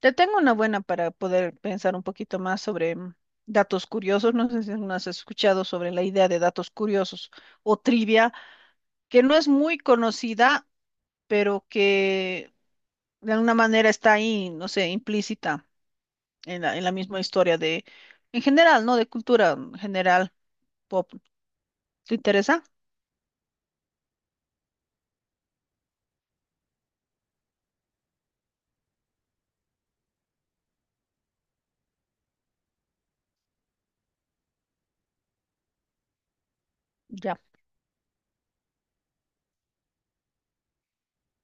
Te tengo una buena para poder pensar un poquito más sobre datos curiosos. No sé si no has escuchado sobre la idea de datos curiosos o trivia, que no es muy conocida, pero que de alguna manera está ahí, no sé, implícita en la misma historia de, en general, ¿no? De cultura general pop. ¿Te interesa? Ya.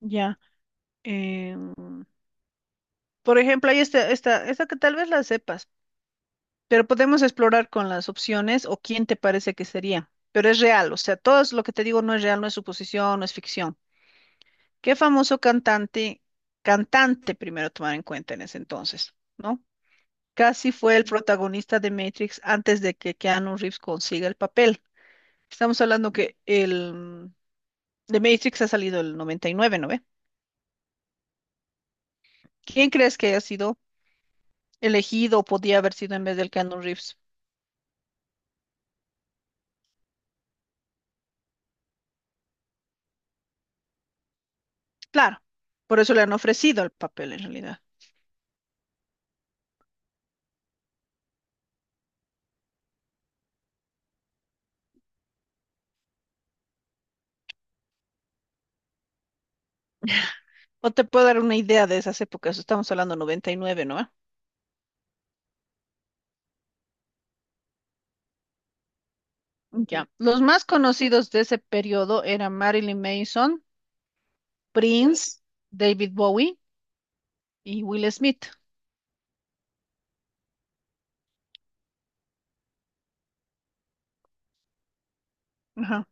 Ya. Em, por ejemplo, hay esta que tal vez la sepas. Pero podemos explorar con las opciones o quién te parece que sería. Pero es real, o sea, todo es lo que te digo no es real, no es suposición, no es ficción. ¿Qué famoso cantante primero tomar en cuenta en ese entonces, ¿no? Casi fue el protagonista de Matrix antes de que Keanu Reeves consiga el papel. Estamos hablando que el de Matrix ha salido el 99, ¿no ve? ¿Quién crees que haya sido elegido o podía haber sido en vez del Keanu Reeves? Claro, por eso le han ofrecido el papel en realidad. O te puedo dar una idea de esas épocas. Estamos hablando 99, ¿no? Ya. Los más conocidos de ese periodo eran Marilyn Manson, Prince, David Bowie y Will Smith. Ajá.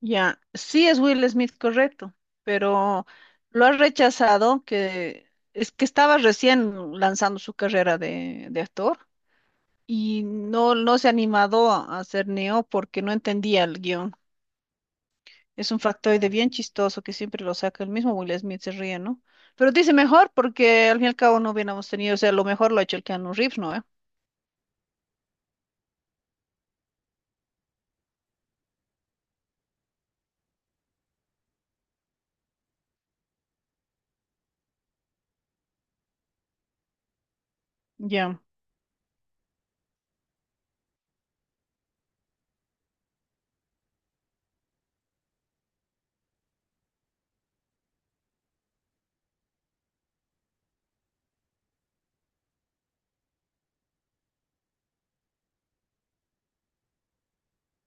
Ya. Sí es Will Smith correcto, pero lo ha rechazado que es que estaba recién lanzando su carrera de actor y no se ha animado a hacer Neo porque no entendía el guión. Es un factoide bien chistoso que siempre lo saca el mismo Will Smith, se ríe, ¿no? Pero dice mejor porque al fin y al cabo no hubiéramos tenido, o sea, lo mejor lo ha hecho el Keanu Reeves, ¿no, eh? Ya.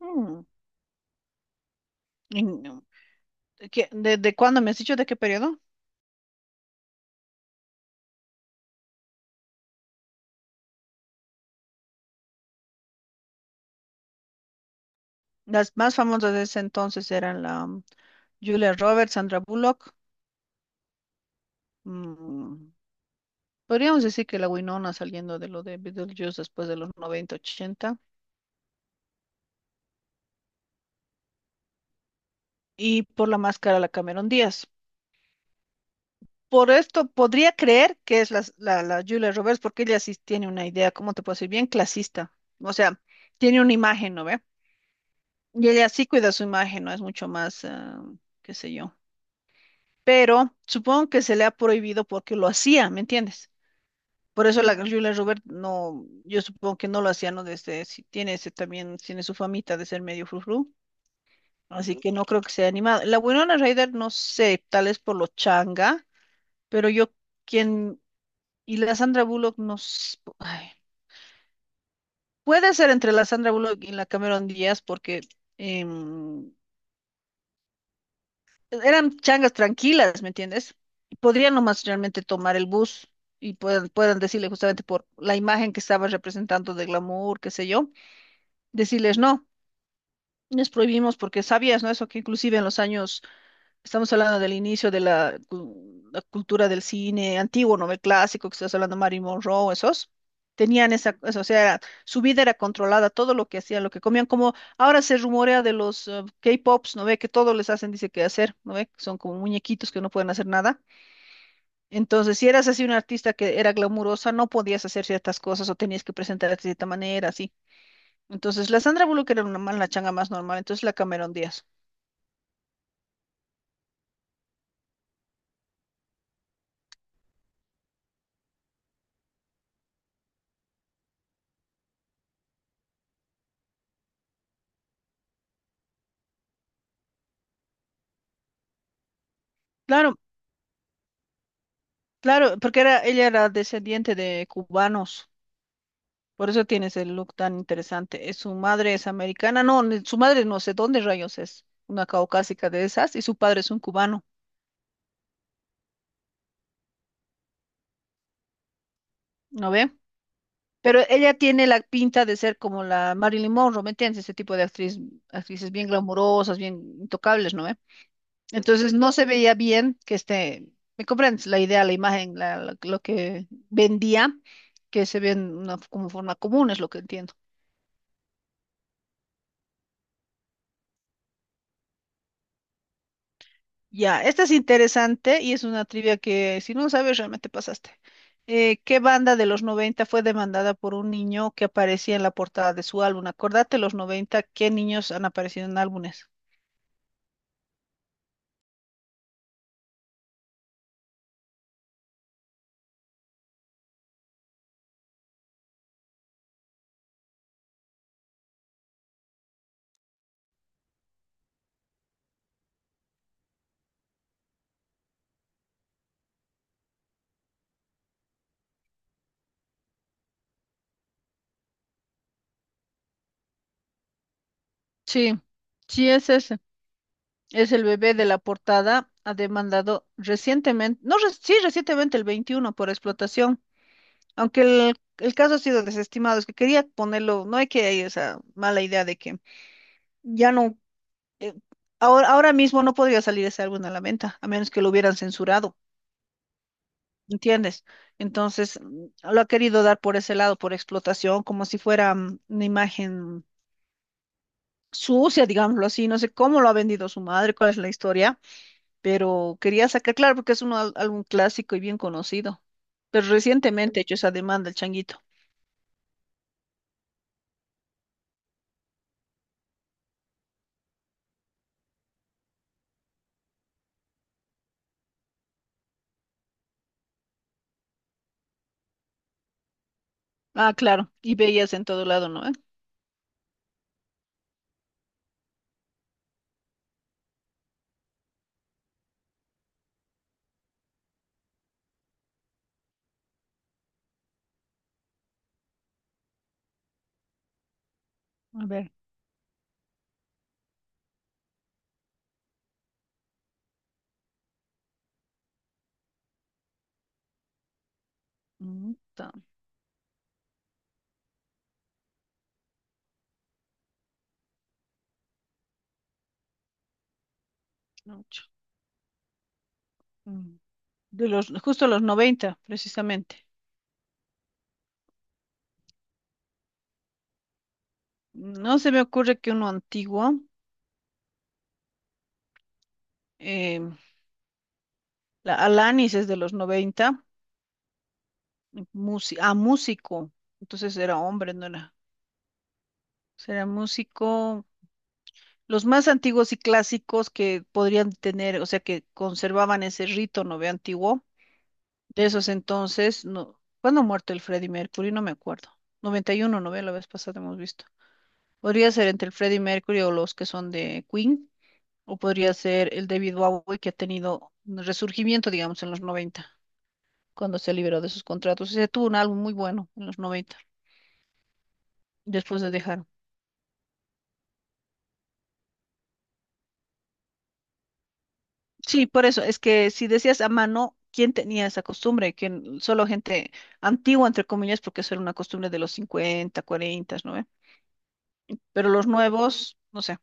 Mm. Y no. ¿De cuándo me has dicho? ¿De qué periodo? Las más famosas de ese entonces eran la Julia Roberts, Sandra Bullock. mm, Podríamos decir que la Winona saliendo de lo de Beetlejuice después de los 90 ochenta. Y por la máscara, la Cameron Díaz. Por esto podría creer que es la Julia Roberts, porque ella sí tiene una idea, ¿cómo te puedo decir? Bien clasista. O sea, tiene una imagen, ¿no ve? Y ella sí cuida su imagen, ¿no? Es mucho más, qué sé yo. Pero supongo que se le ha prohibido porque lo hacía, ¿me entiendes? Por eso la Julia Roberts no, yo supongo que no lo hacía, ¿no? Desde, si tiene ese también, tiene su famita de ser medio frufru. Así que no creo que sea animado. La Winona Ryder, no sé, tal vez por lo changa, pero yo, quien. Y la Sandra Bullock nos... Ay, puede ser entre la Sandra Bullock y la Cameron Díaz porque em, eran changas tranquilas, ¿me entiendes? Y podrían nomás realmente tomar el bus y puedan decirle justamente por la imagen que estaba representando de glamour, qué sé yo, decirles no, les prohibimos porque sabías, ¿no? Eso que inclusive en los años. Estamos hablando del inicio de la cultura del cine antiguo, ¿no? El clásico, que estás hablando Marilyn Monroe, esos. Tenían eso, o sea, su vida era controlada, todo lo que hacían, lo que comían, como ahora se rumorea de los K-pops, ¿no ve? Que todo les hacen, dice que hacer, ¿no ve? Son como muñequitos que no pueden hacer nada. Entonces, si eras así una artista que era glamurosa, no podías hacer ciertas cosas o tenías que presentarte de cierta manera, así. Entonces, la Sandra Bullock era la changa más normal, entonces la Cameron Díaz. Claro. Claro, porque era, ella era descendiente de cubanos, por eso tienes el look tan interesante. Su madre es americana, no, su madre no sé dónde rayos es, una caucásica de esas, y su padre es un cubano, ¿no ve? Pero ella tiene la pinta de ser como la Marilyn Monroe, ¿me entiendes? Ese tipo de actriz, actrices bien glamurosas, bien intocables, ¿no ve? Entonces no se veía bien que este, ¿me comprendes? La idea, la imagen, lo que vendía, que se ve en una, como forma común, es lo que entiendo. Ya, esta es interesante y es una trivia que si no sabes realmente pasaste. ¿Qué banda de los 90 fue demandada por un niño que aparecía en la portada de su álbum? Acordate, los noventa, ¿qué niños han aparecido en álbumes? Sí, sí es ese. Es el bebé de la portada, ha demandado recientemente, no, sí, recientemente el 21 por explotación, aunque el caso ha sido desestimado, es que quería ponerlo, no hay que, hay esa mala idea de que ya no, eh, ahora, mismo no podría salir ese álbum a la venta, a menos que lo hubieran censurado, ¿entiendes? Entonces, lo ha querido dar por ese lado, por explotación, como si fuera una imagen sucia, digámoslo así. No sé cómo lo ha vendido su madre, cuál es la historia, pero quería sacar, claro, porque es un álbum clásico y bien conocido. Pero recientemente he hecho esa demanda, el changuito. Ah, claro, y veías en todo lado, ¿no, eh? A ver. mm, ta- Ocho. mm, De los, justo los 90, precisamente. No se me ocurre que uno antiguo, eh, la Alanis es de los 90, músico, entonces era hombre, no era, será músico. Los más antiguos y clásicos que podrían tener, o sea, que conservaban ese rito, ¿no ve? Antiguo, de esos entonces, no, ¿cuándo ha muerto el Freddie Mercury? No me acuerdo. 91, ¿no ve? La vez pasada hemos visto. Podría ser entre el Freddie Mercury o los que son de Queen, o podría ser el David Bowie que ha tenido un resurgimiento, digamos, en los noventa, cuando se liberó de sus contratos. Ese tuvo un álbum muy bueno en los noventa, después de dejar. Sí, por eso, es que si decías a mano, ¿quién tenía esa costumbre? ¿Quién? Solo gente antigua, entre comillas, porque eso era una costumbre de los 50, 40, ¿no ve? Pero los nuevos, no sé.